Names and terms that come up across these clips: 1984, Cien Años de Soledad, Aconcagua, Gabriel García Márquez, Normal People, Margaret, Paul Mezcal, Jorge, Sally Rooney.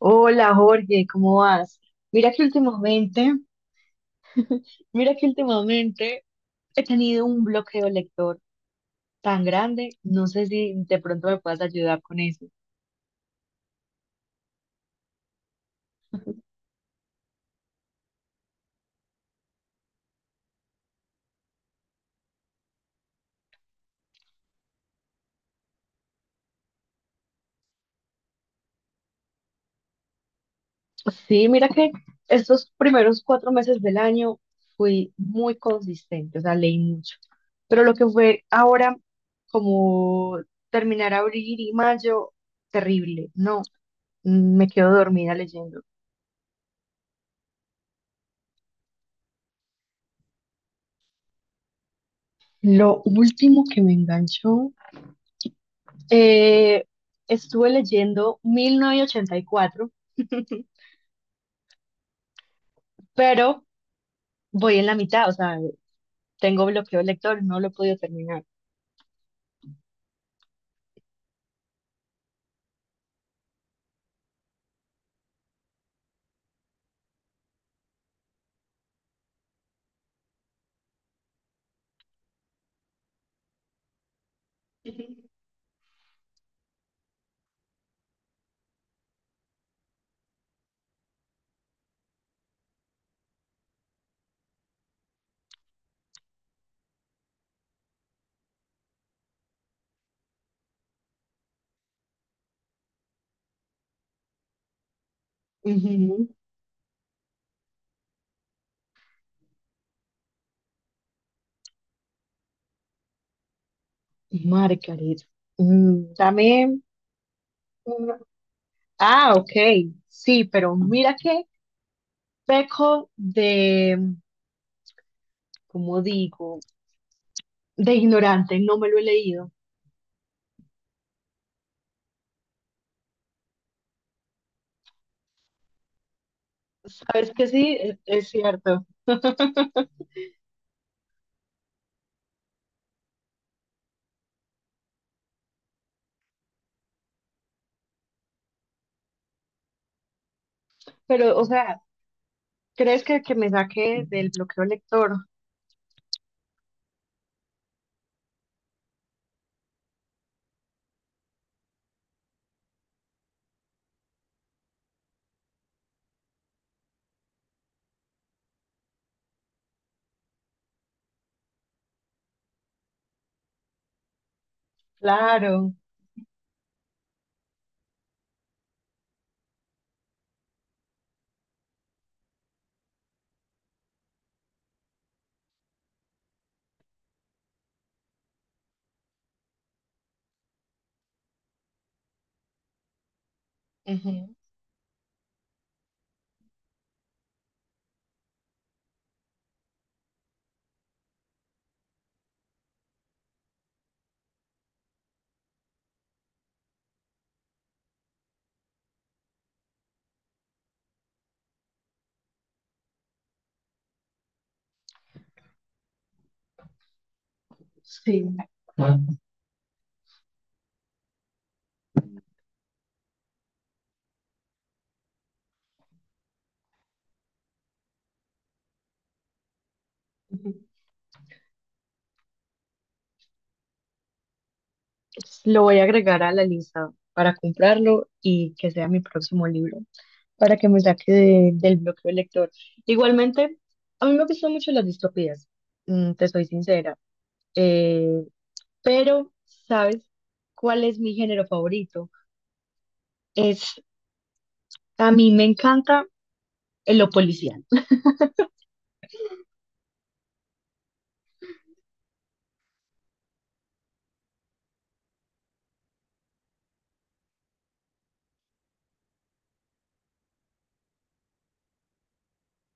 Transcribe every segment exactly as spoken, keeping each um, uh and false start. Hola Jorge, ¿cómo vas? Mira que últimamente, mira que últimamente he tenido un bloqueo lector tan grande, no sé si de pronto me puedas ayudar con eso. Sí, mira que estos primeros cuatro meses del año fui muy consistente, o sea, leí mucho. Pero lo que fue ahora, como terminar abril y mayo, terrible, no, mm, me quedo dormida leyendo. Lo último que me enganchó. Eh, Estuve leyendo mil novecientos ochenta y cuatro, pero voy en la mitad, o sea, tengo bloqueo lector, no lo he podido terminar. Ujú. Ujú, Margaret. Mm, dame una- Ah, ok. Sí, pero mira qué peco de, ¿cómo digo? De ignorante, no me lo he leído. Sabes que sí, es, es cierto. Pero, o sea, ¿crees que, que me saque del bloqueo lector? Claro. Ujú. Sí, ujú. Lo voy a agregar a la lista para comprarlo y que sea mi próximo libro, para que me saque de- del bloqueo lector. Igualmente, a mí me gustan mucho las distopías, mm, te soy sincera, eh, pero ¿sabes cuál es mi género favorito? Es, a mí me encanta eh, lo policial.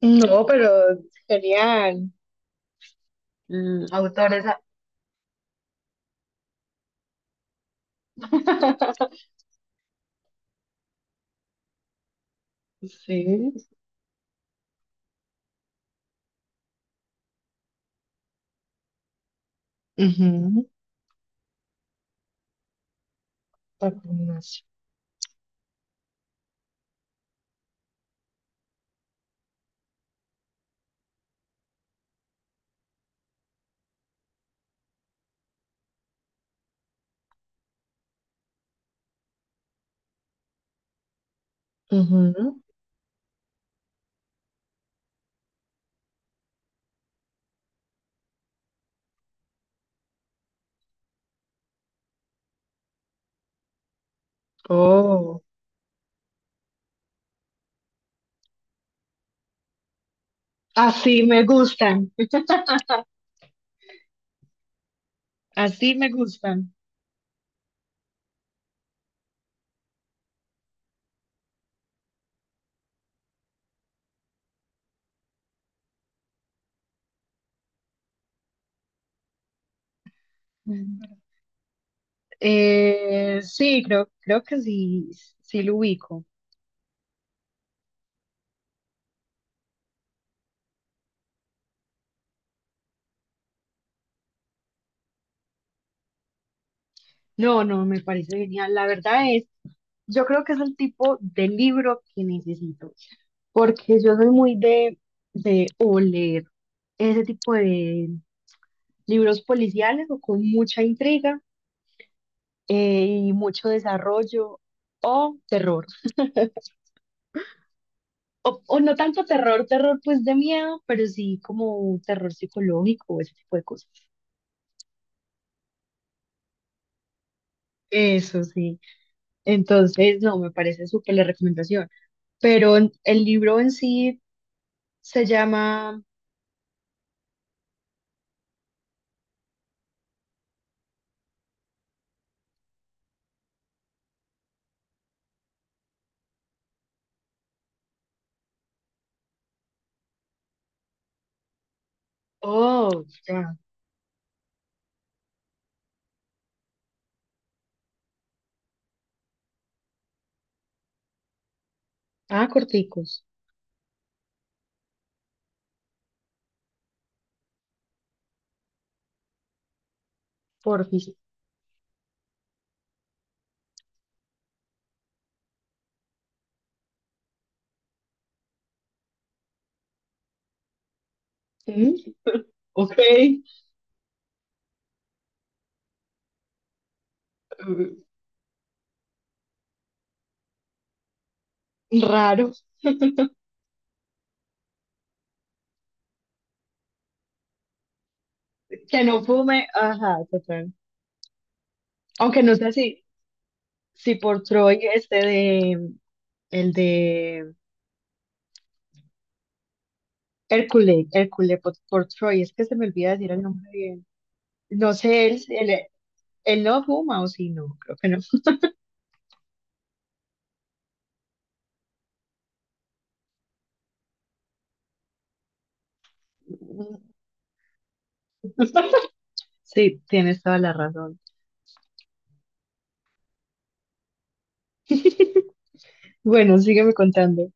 No, pero serían mm, autores. Ah. Sí. Ujú, vacunas. Ujú. Oh, así me gustan, así me gustan. Mm. Eh, sí, creo, creo que sí, sí lo ubico. No, no, me parece genial. La verdad es, yo creo que es el tipo de libro que necesito, porque yo soy muy de, de o leer ese tipo de libros policiales o con mucha intriga, eh, y mucho desarrollo o terror. O, o no tanto terror, terror pues de miedo, pero sí como terror psicológico o ese tipo de cosas. Eso sí. Entonces, no, me parece súper la recomendación. Pero en- el libro en sí se llama... Oh, ya. Ah, corticos. Porfis. Mm. Ok. Mm. Raro. Que no fume. Ajá, total. Aunque no sé si, si por Troy este de... El de Hércules, Hércules por, por Troy, es que se me olvida decir el nombre bien. No sé, él, él, él no fuma o sí, no, creo que no. Sí, tienes toda la razón. Bueno, sígueme contando.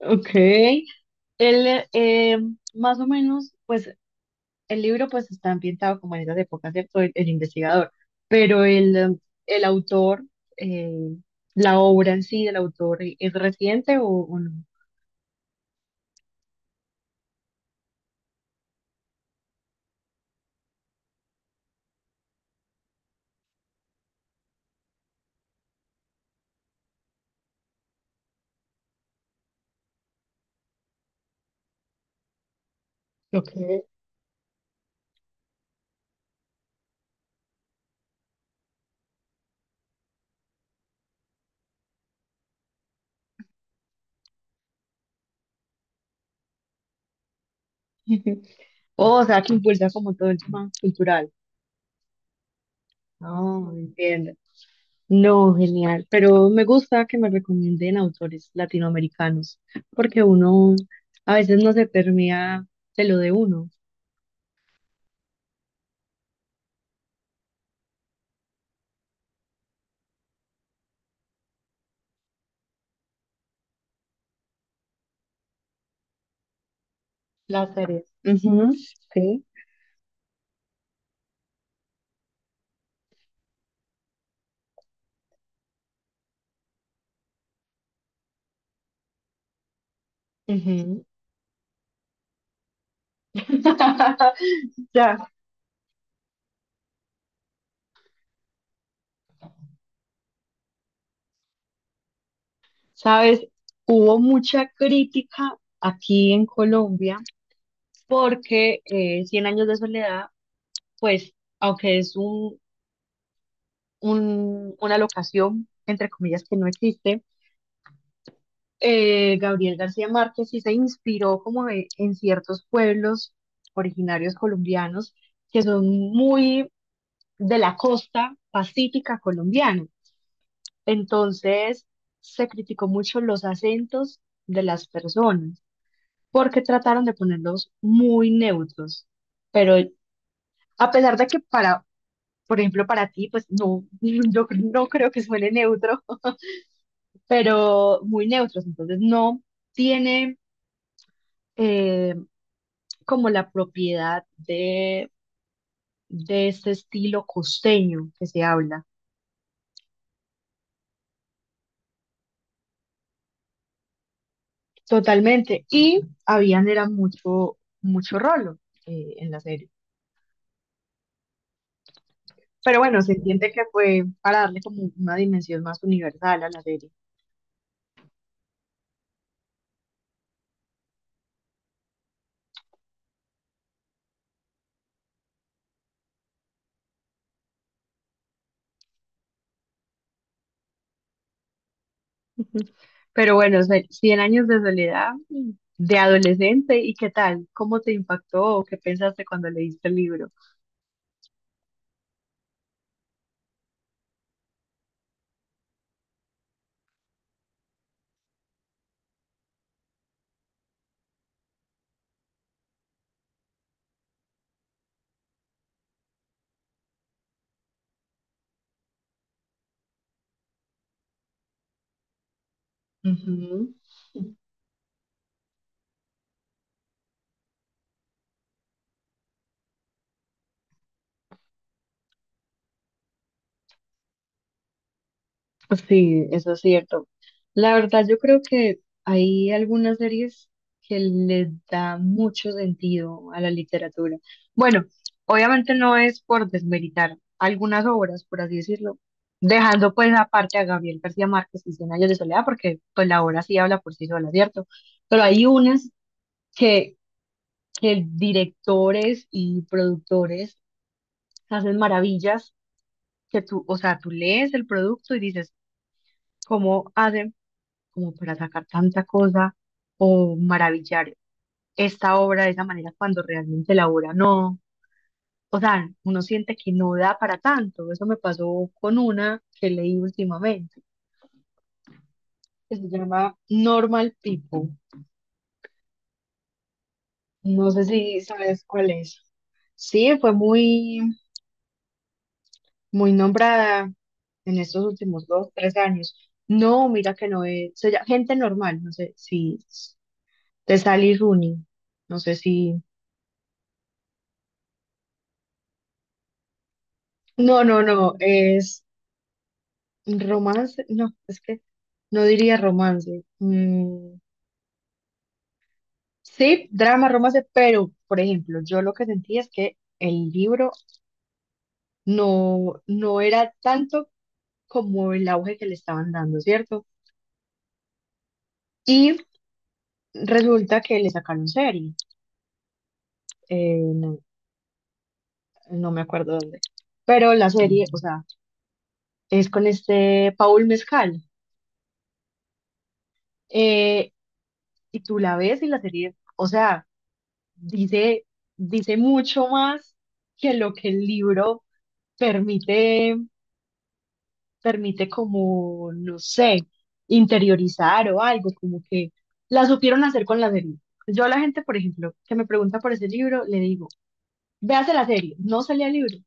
Ok. Él, eh, más o menos, pues el libro pues está ambientado como en esas épocas, ¿cierto? El, el investigador, pero el, eh, el autor, eh, la obra en sí del autor, ¿es reciente o, o no? Ok. Oh, o sea, que impulsa como todo el tema cultural. No, entiendo. No, genial. Pero me gusta que me recomienden autores latinoamericanos, porque uno a veces no se permea de lo de uno. Las series. Ujú, sí. Ujú. Ya, sabes, hubo mucha crítica aquí en Colombia porque eh, Cien Años de Soledad, pues, aunque es un, un- una locación, entre comillas, que no existe, eh, Gabriel García Márquez sí se inspiró como de- en ciertos pueblos originarios colombianos que son muy de la costa pacífica colombiana. Entonces se criticó mucho los acentos de las personas porque trataron de ponerlos muy neutros. Pero a pesar de que para, por ejemplo, para ti, pues no, yo no creo que suene neutro, pero muy neutros. Entonces no tiene eh, como la propiedad de, de este estilo costeño que se habla. Totalmente. Y habían era mucho, mucho rolo, eh, en la serie. Pero bueno, se entiende que fue para darle como una dimensión más universal a la serie. Pero bueno, se- cien años de soledad, mm, de adolescente, ¿y qué tal? ¿Cómo te impactó? ¿Qué pensaste cuando leíste el libro? Sí, eso es cierto. La verdad, yo creo que hay algunas series que le da mucho sentido a la literatura. Bueno, obviamente no es por desmeritar algunas obras, por así decirlo, dejando pues aparte a Gabriel García Márquez y Cien años de soledad, porque pues la obra sí habla por sí sola, ¿cierto? Pero hay unas que, que directores y productores hacen maravillas que tú, o sea, tú lees el producto y dices, ¿cómo hacen? Como para sacar tanta cosa o maravillar esta obra de esa manera cuando realmente la obra no, o sea, uno siente que no da para tanto. Eso me pasó con una que leí últimamente, que se llama Normal People. No sé si sabes cuál es. Sí, fue muy, muy nombrada en estos últimos dos, tres años. No, mira que no es, se llama Gente Normal, no sé si, de Sally Rooney, no sé si, no, no, no, es Romance, no, es que no diría romance. Mm, sí, drama, romance, pero, por ejemplo, yo lo que sentía es que el libro no, no era tanto como el auge que le estaban dando, ¿cierto? Y resulta que le sacaron serie, eh, no, no me acuerdo dónde, pero la serie, o sea, es con este Paul Mezcal. eh, y tú la ves y la serie, o sea, dice, dice mucho más que lo que el libro permite, permite como, no sé, interiorizar o algo, como que la supieron hacer con la serie. Yo a la gente, por ejemplo, que me pregunta por ese libro, le digo, véase la serie, no se lea el libro,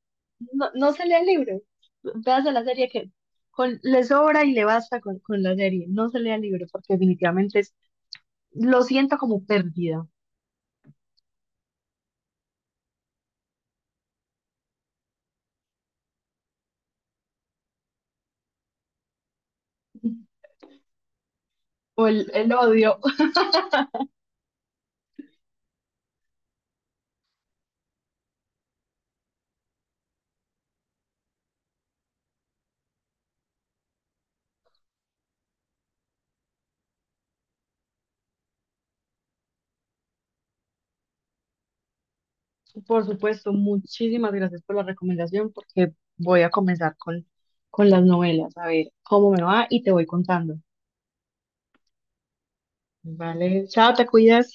no, no se lea el libro, véase la serie que con, le sobra y le basta con, con la serie, no se lea el libro, porque definitivamente es, lo siento como pérdida, o el, el odio. Por supuesto, muchísimas gracias por la recomendación porque voy a comenzar con, con las novelas, a ver cómo me va y te voy contando. Vale, chao, te cuidas.